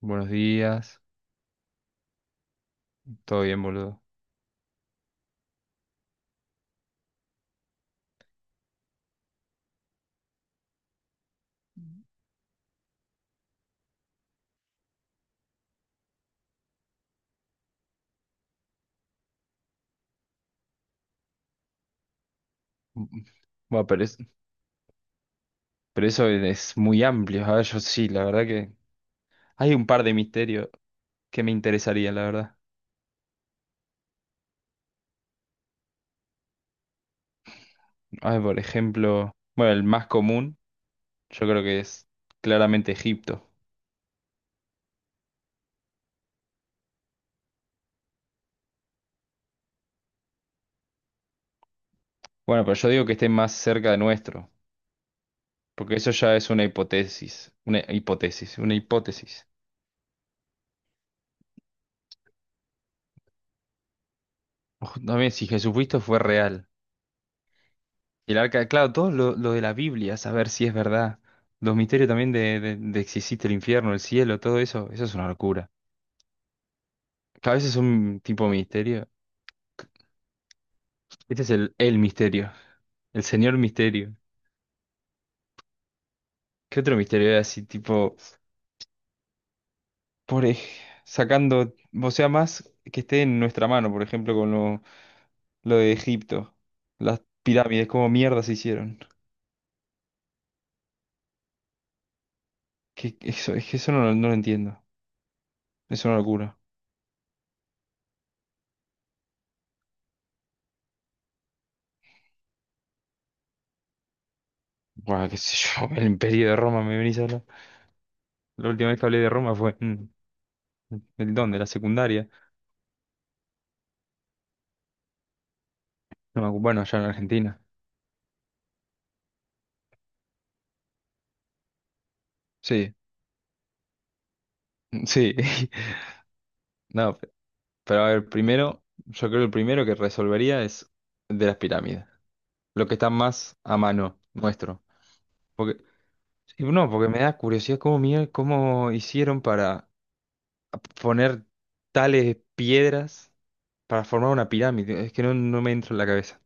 Buenos días, todo bien, boludo. Mm, mm. Bueno, pero, pero eso es muy amplio. A ver, yo sí, la verdad que hay un par de misterios que me interesarían, la verdad. A ver, por ejemplo, bueno, el más común, yo creo que es claramente Egipto. Bueno, pero yo digo que esté más cerca de nuestro, porque eso ya es una hipótesis. Ojo, también si Jesucristo fue real. El arca, claro, todo lo de la Biblia, saber si es verdad. Los misterios también de si existe el infierno, el cielo, todo eso, eso es una locura. Cada vez es un tipo de misterio. Este es el misterio, el señor misterio. ¿Qué otro misterio era así, tipo, por ej- sacando, o sea, más que esté en nuestra mano, por ejemplo, con lo de Egipto, las pirámides, ¿cómo mierda se hicieron? Que eso, es que eso no, lo no lo entiendo. Es una locura. Bueno, qué sé yo, el imperio de Roma, me venís a hablar. La última vez que hablé de Roma fue en el dónde, la secundaria. No me acu- bueno, allá en Argentina. Sí, sí. No, pero a ver, primero, yo creo que el primero que resolvería es de las pirámides. Lo que está más a mano nuestro. Porque, sí, no, porque me da curiosidad cómo, cómo hicieron para poner tales piedras para formar una pirámide. Es que no me entra en la cabeza.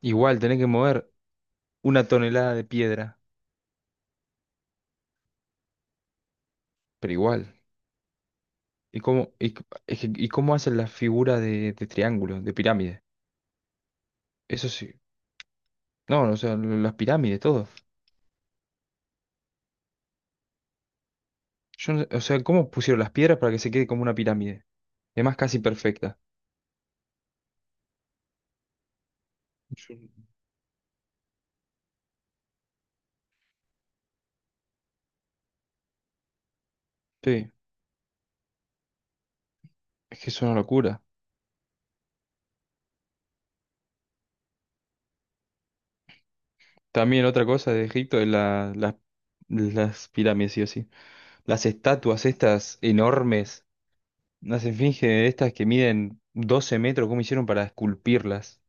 Igual, tenés que mover una tonelada de piedra, pero igual. ¿Y cómo, y, c- es que- y cómo hacen las figuras de triángulo, de pirámide? Eso sí. No, o sea, las pirámides, todo. Yo, no- O sea, ¿cómo pusieron las piedras para que se quede como una pirámide? Y además, casi perfecta. Yo- Sí, es que es una locura. También otra cosa de Egipto es las pirámides, sí o sí. Las estatuas estas enormes, las esfinges estas que miden 12 metros, ¿cómo hicieron para esculpirlas?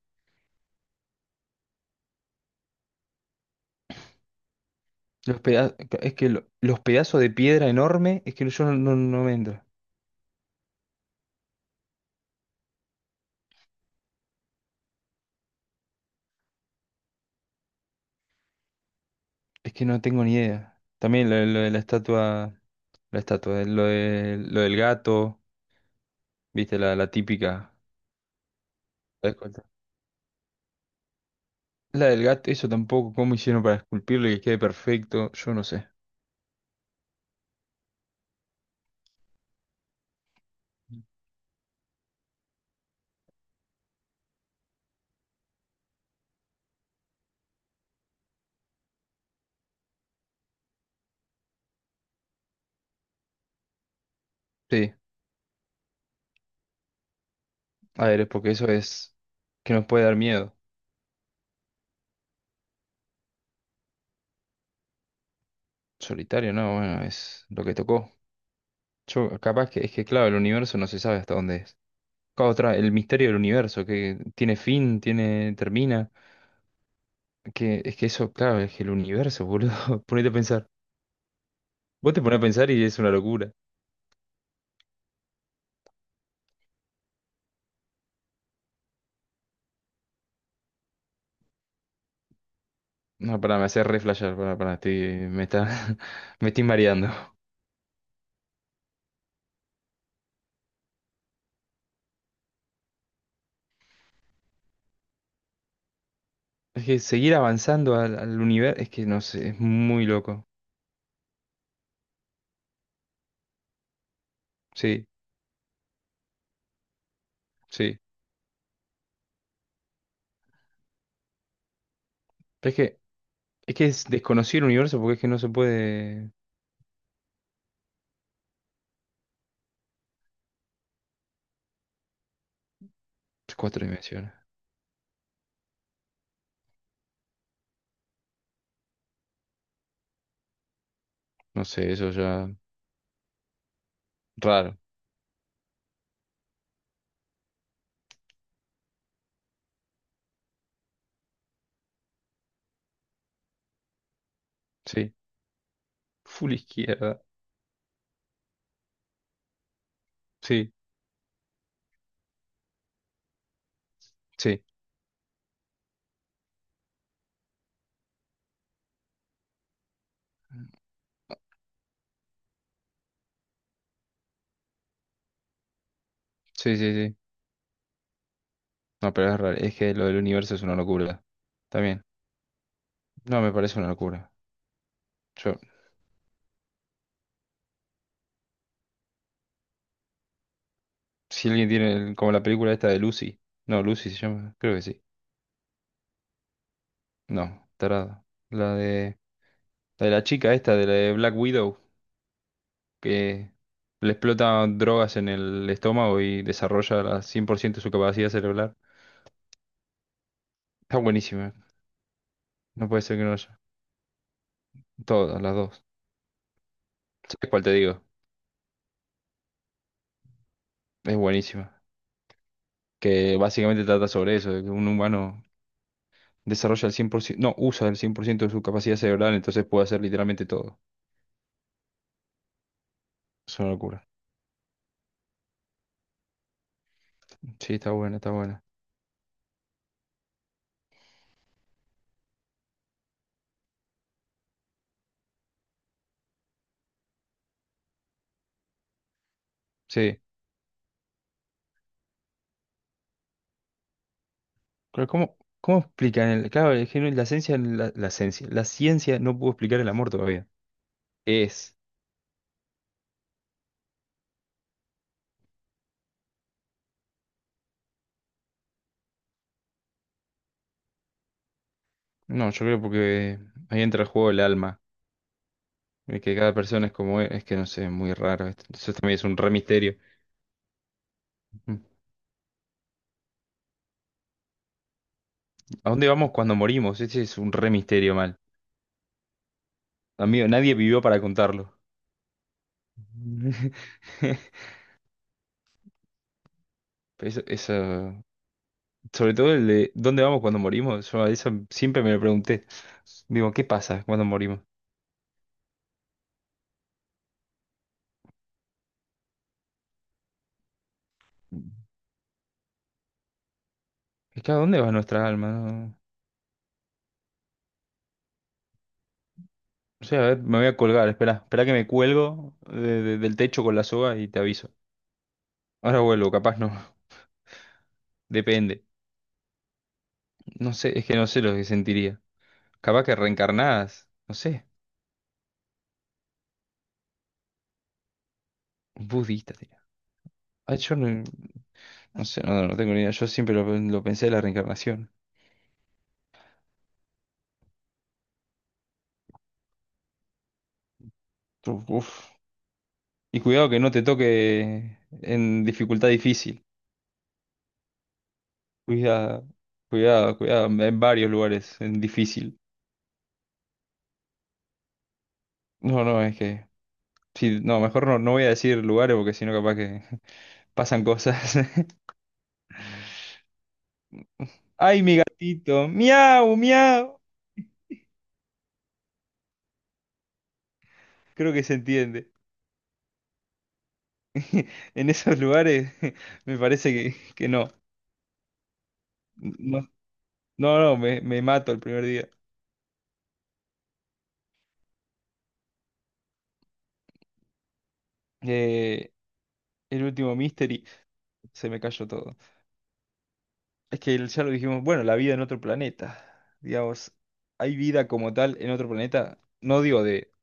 Los pedazos de piedra enorme, es que yo no me entra. Es que no tengo ni idea. También de lo de la estatua, lo del gato, viste, la típica. La esculta- la del gato, eso tampoco, cómo hicieron para esculpirlo y que quede perfecto, yo no sé. Sí, a ver, es porque eso es que nos puede dar miedo. Solitario, no, bueno, es lo que tocó. Yo, capaz que es que, claro, el universo no se sabe hasta dónde es. Claro, otra, el misterio del universo, que tiene fin, termina. Es que eso, claro, es que el universo, boludo, ponete a pensar. Vos te pones a pensar y es una locura. No, pará, me hace reflashar, pará, pará, me está, me estoy mareando. Es que seguir avanzando al universo, es que no sé, es muy loco. Sí, sí. Pero es que es desconocido el universo porque es que no se puede. Es cuatro dimensiones. No sé, eso ya. Raro. Sí. Full izquierda. Sí, sí. Sí, sí, sí. No, pero es raro. Es que lo del universo es una locura. También. No, me parece una locura. Yo. Si alguien tiene, como la película esta de Lucy. No, Lucy se llama, creo que sí. No, tarada. La de, la de la chica esta, de la de Black Widow, que le explota drogas en el estómago y desarrolla al 100% su capacidad cerebral. Está buenísima. No puede ser que no haya. Todas, las dos. ¿Sabes cuál te digo? Es buenísima. Que básicamente trata sobre eso, de que un humano desarrolla el 100% no, usa el 100% de su capacidad cerebral, entonces puede hacer literalmente todo. Es una locura. Sí, está buena, está buena. Sí. Pero ¿cómo explican el, claro, es que la esencia, la esencia, la ciencia no pudo explicar el amor todavía. Es. No, yo creo porque ahí entra el juego del alma. De Que cada persona es como es que no sé, es muy raro. Eso también es un re misterio. Ujú. ¿A dónde vamos cuando morimos? Ese es un re misterio mal. Amigo, nadie vivió para contarlo. Pero eso, sobre todo el de ¿dónde vamos cuando morimos? Yo a eso siempre me lo pregunté. Digo, ¿qué pasa cuando morimos? Es que ¿a dónde va nuestra alma? O sea, a ver, me voy a colgar. Espera, espera que me cuelgo del techo con la soga y te aviso. Ahora vuelvo, capaz no. Depende. No sé, es que no sé lo que sentiría. Capaz que reencarnadas. No sé. Budista, tío. Ay, yo no, no sé, no tengo ni idea. Yo siempre lo pensé de la reencarnación. Uf. Uf. Y cuidado que no te toque en dificultad difícil. Cuidado, cuidado, cuidado. En varios lugares, en difícil. No, no, es que. Sí, no, mejor no, no voy a decir lugares porque si no, capaz que. Pasan cosas. ¡Ay, mi gatito! ¡Miau, miau! Creo que se entiende. En esos lugares me parece que no. No, no, no, me mato el primer día. Eh, el último Mystery, se me cayó todo. Es que ya lo dijimos, bueno, la vida en otro planeta. Digamos, hay vida como tal en otro planeta. No digo de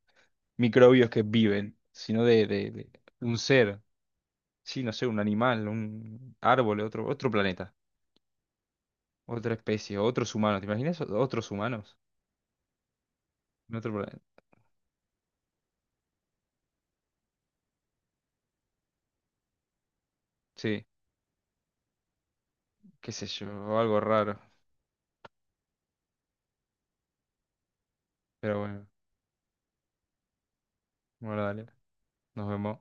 microbios que viven, sino de un ser. Sí, no sé, un animal, un árbol, otro planeta. Otra especie, otros humanos, ¿te imaginas? Otros humanos. En otro planeta. Sí, qué sé yo, algo raro. Pero bueno, bueno, dale, nos vemos.